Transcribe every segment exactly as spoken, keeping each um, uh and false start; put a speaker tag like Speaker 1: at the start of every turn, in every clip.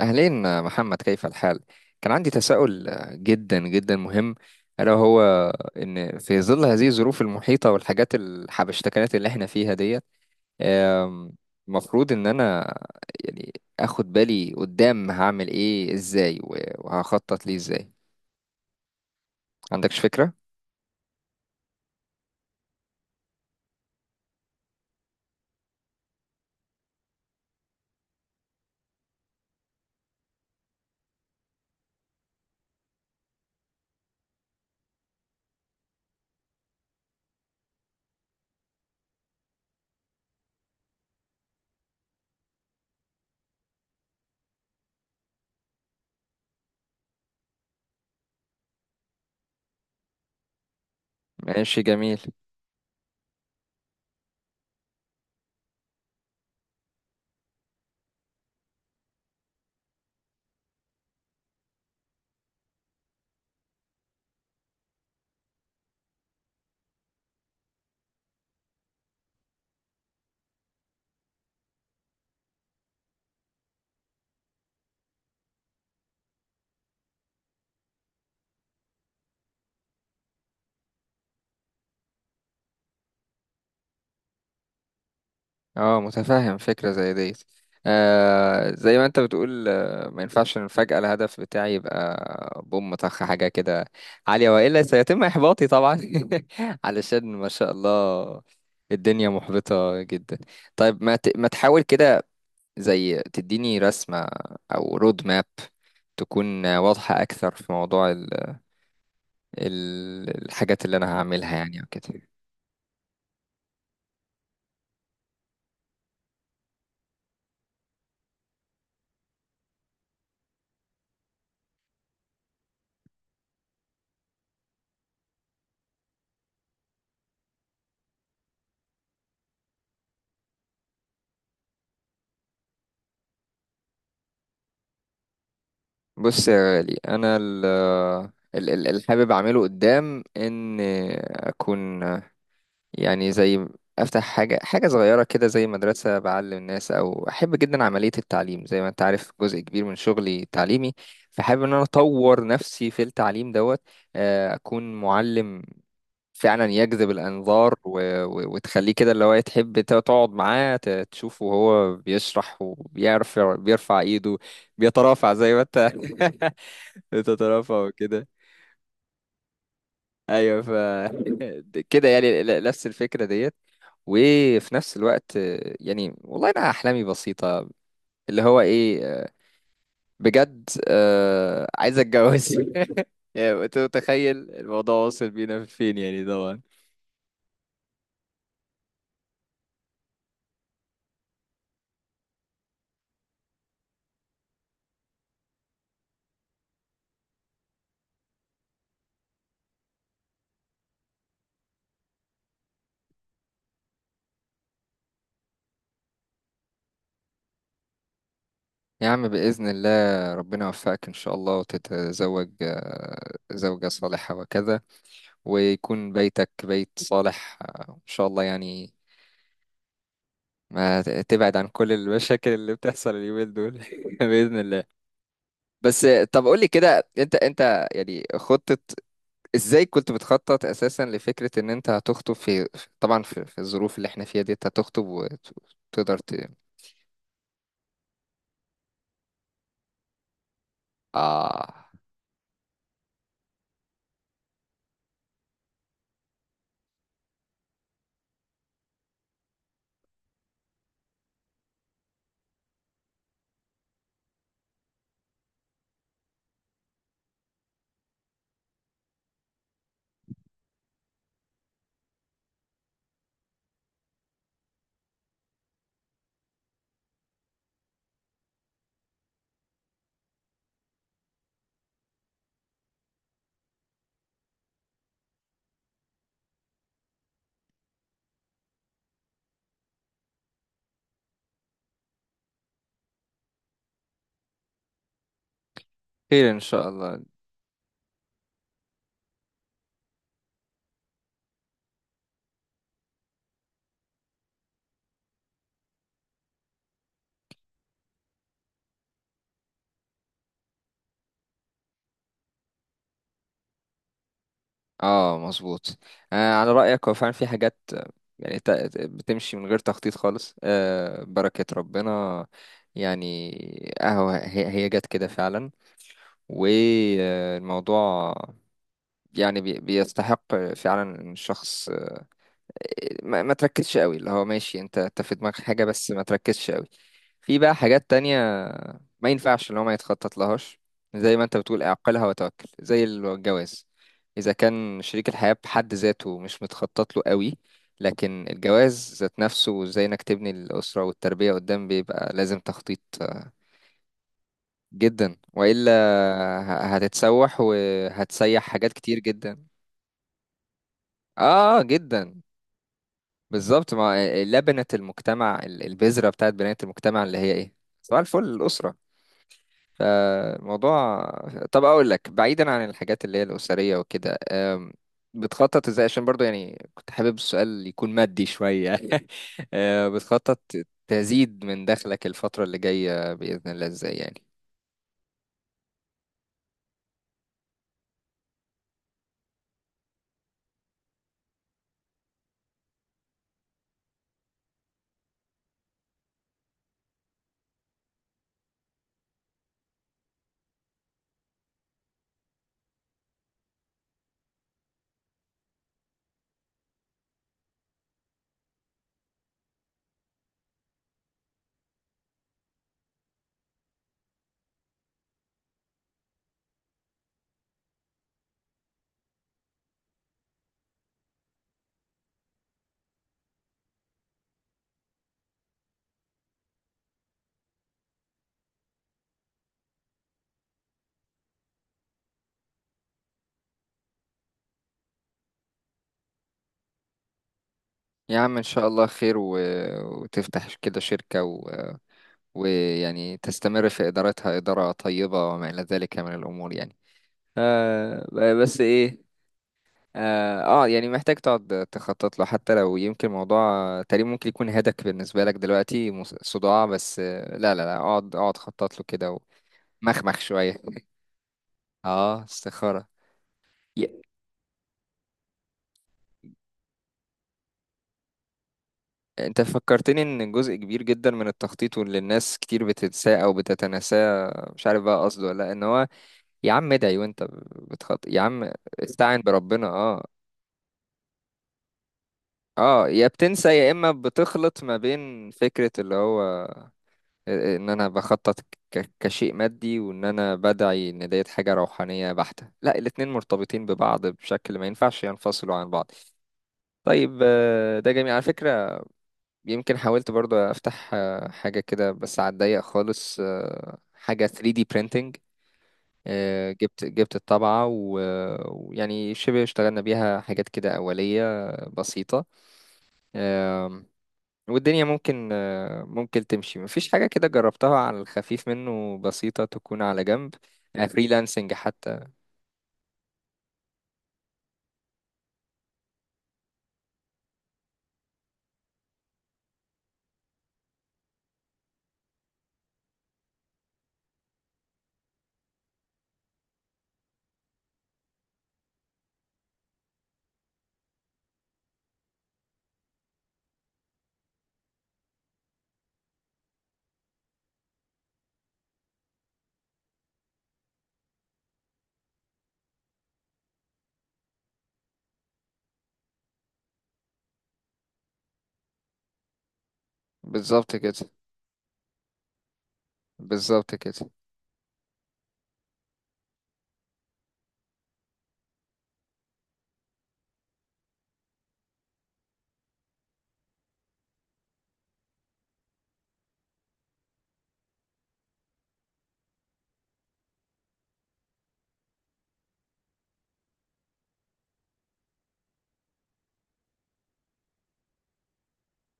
Speaker 1: أهلين محمد، كيف الحال؟ كان عندي تساؤل جدا جدا مهم، ألا هو إن في ظل هذه الظروف المحيطة والحاجات الحبشتكنات اللي احنا فيها ديت، آم، المفروض إن أنا يعني أخد بالي قدام هعمل إيه إزاي و- وهخطط ليه إزاي؟ عندكش فكرة؟ ماشي جميل. اه متفهم فكرة زي ديت. آه زي ما انت بتقول، آه ما ينفعش ان فجأة الهدف بتاعي يبقى بوم طخ حاجة كده عالية، وإلا سيتم إحباطي طبعا علشان ما شاء الله الدنيا محبطة جدا. طيب ما ت... ما تحاول كده زي تديني رسمة أو رود ماب، تكون واضحة أكثر في موضوع ال... ال... الحاجات اللي أنا هعملها يعني وكده. بص يا غالي انا ال ال- ال- اللي حابب اعمله قدام ان اكون يعني زي افتح حاجه حاجه صغيره كده زي مدرسه بعلم الناس، او احب جدا عمليه التعليم، زي ما انت عارف جزء كبير من شغلي تعليمي، فحابب ان انا اطور نفسي في التعليم دوت. آه، اكون معلم فعلا يجذب الانظار و... و... وتخليه كده اللي هو تحب تقعد معاه ت- تشوفه وهو بيشرح وبيرفع بيرفع ايده، بيترافع زي ما انت تترفع وكده. ايوه ف كده يعني ل- نفس الفكره ديت. وفي نفس الوقت، آه، يعني والله انا احلامي بسيطه، اللي هو ايه، آه، بجد آه، عايز اتجوز يعني أنت متخيل الموضوع واصل بينا فين يعني طبعا. يا عم بإذن الله، ربنا يوفقك إن شاء الله وتتزوج آه، زوجة صالحة وكذا، ويكون بيتك بيت صالح آه، إن شاء الله يعني. ما ت- تبعد عن كل المشاكل اللي بتحصل اليومين دول بإذن الله. بس. طب قول لي كده، انت انت يعني خطة ازاي كنت بتخطط اساسا لفكرة ان انت هتخطب، في طبعا في, في الظروف اللي احنا فيها دي انت هتخطب وتقدر ت... اه. خير ان شاء الله. اه مظبوط. آه على رأيك هو فعلا في حاجات، آه، يعني ت- ت- بتمشي من غير تخطيط خالص، آه بركة ربنا يعني اهو هي, هي جت كده فعلا، والموضوع يعني بي- بيستحق فعلا ان الشخص ما, ما تركزش قوي، اللي هو ماشي انت انت في دماغك حاجة، بس ما تركزش قوي في بقى حاجات تانية. ما ينفعش اللي هو ما يتخطط لهاش، زي ما انت بتقول اعقلها وتوكل، زي الجواز اذا كان شريك الحياة بحد ذاته مش متخطط له قوي. لكن الجواز ذات نفسه، وازاي انك تبني الأسرة والتربية قدام، بيبقى لازم تخطيط جدا، والا ه- هتتسوح وهتسيح حاجات كتير جدا. اه جدا، بالظبط. ما لبنة المجتمع، ال- البذرة بتاعت بناية المجتمع اللي هي ايه؟ صباح الفل، الأسرة. فموضوع، طب اقول لك بعيدا عن الحاجات اللي هي الأسرية وكده، آم، بتخطط ازاي؟ عشان برضو يعني كنت حابب السؤال يكون مادي شوية آه، بتخطط تزيد من دخلك الفترة اللي جاية بإذن الله ازاي يعني؟ يا عم ان شاء الله خير، و... وتفتح كده شركة، و... ويعني تستمر في ادارتها ادارة طيبة وما الى ذلك من الامور يعني. آه ب- بس ايه، اه آه، يعني محتاج تقعد تخطط له، حتى لو يمكن موضوع تقريبا ممكن يكون هدك بالنسبة لك دلوقتي مس- صداع، بس آه، لا لا لا اقعد اقعد خطط له كده ومخمخ شوية. اه استخارة. ي- انت فكرتني ان جزء كبير جدا من التخطيط واللي الناس كتير بتنساه او بتتناساه، مش عارف بقى قصده ولا لأ، ان هو يا عم ادعي وانت بتخط يا عم، استعن بربنا. اه اه، يا بتنسى يا اما بتخلط ما بين فكرة اللي هو آه، ان انا بخطط ك- كشيء مادي، وان انا بدعي ان ديت حاجة روحانية بحتة. لا، الاتنين مرتبطين ببعض بشكل ما ينفعش ينفصلوا عن بعض. طيب آه، ده جميل على فكرة. يمكن حاولت برضه افتح آه، حاجة كده بس على الضيق خالص، آه، حاجة ثري دي printing. آه، جبت جبت الطبعة و- ويعني شبه اشتغلنا بيها حاجات كده أولية بسيطة. آم، والدنيا ممكن آه، ممكن تمشي، مفيش حاجة كده جربتها على الخفيف منه، بسيطة، تكون على جنب، فريلانسنج حتى. بالظبط كده. بالظبط كده.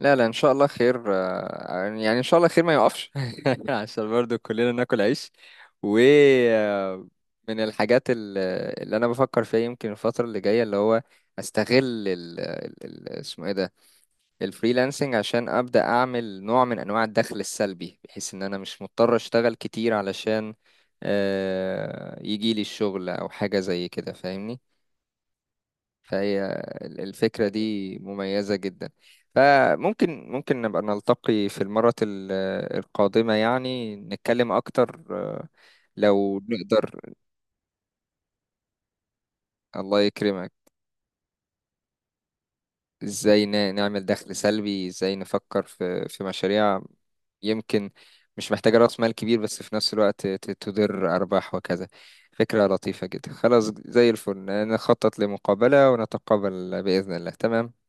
Speaker 1: لا لا إن شاء الله خير، آه، يعني إن شاء الله خير ما يقفش عشان برضو كلنا ناكل عيش. ومن الحاجات ال- اللي انا بفكر فيها يمكن الفترة اللي جاية، اللي هو استغل ال ال- ال- اسمه ايه ده، الفريلانسنج، عشان ابدا اعمل نوع من انواع الدخل السلبي، بحيث ان انا مش مضطر اشتغل كتير علشان آه، يجي لي الشغل او حاجة زي كده، فاهمني؟ فهي ال- الفكرة دي مميزة جدا. فممكن ممكن نبقى نلتقي في المرة ال- القادمة يعني نتكلم اكتر، آه، لو نقدر. الله يكرمك. ازاي ن- نعمل دخل سلبي، ازاي نفكر في في مشاريع يمكن مش محتاجة رأس مال كبير، بس في نفس الوقت ت- تدر أرباح وكذا. فكرة لطيفة جدا، خلاص زي الفل. نخطط لمقابلة ونتقابل بإذن الله. تمام.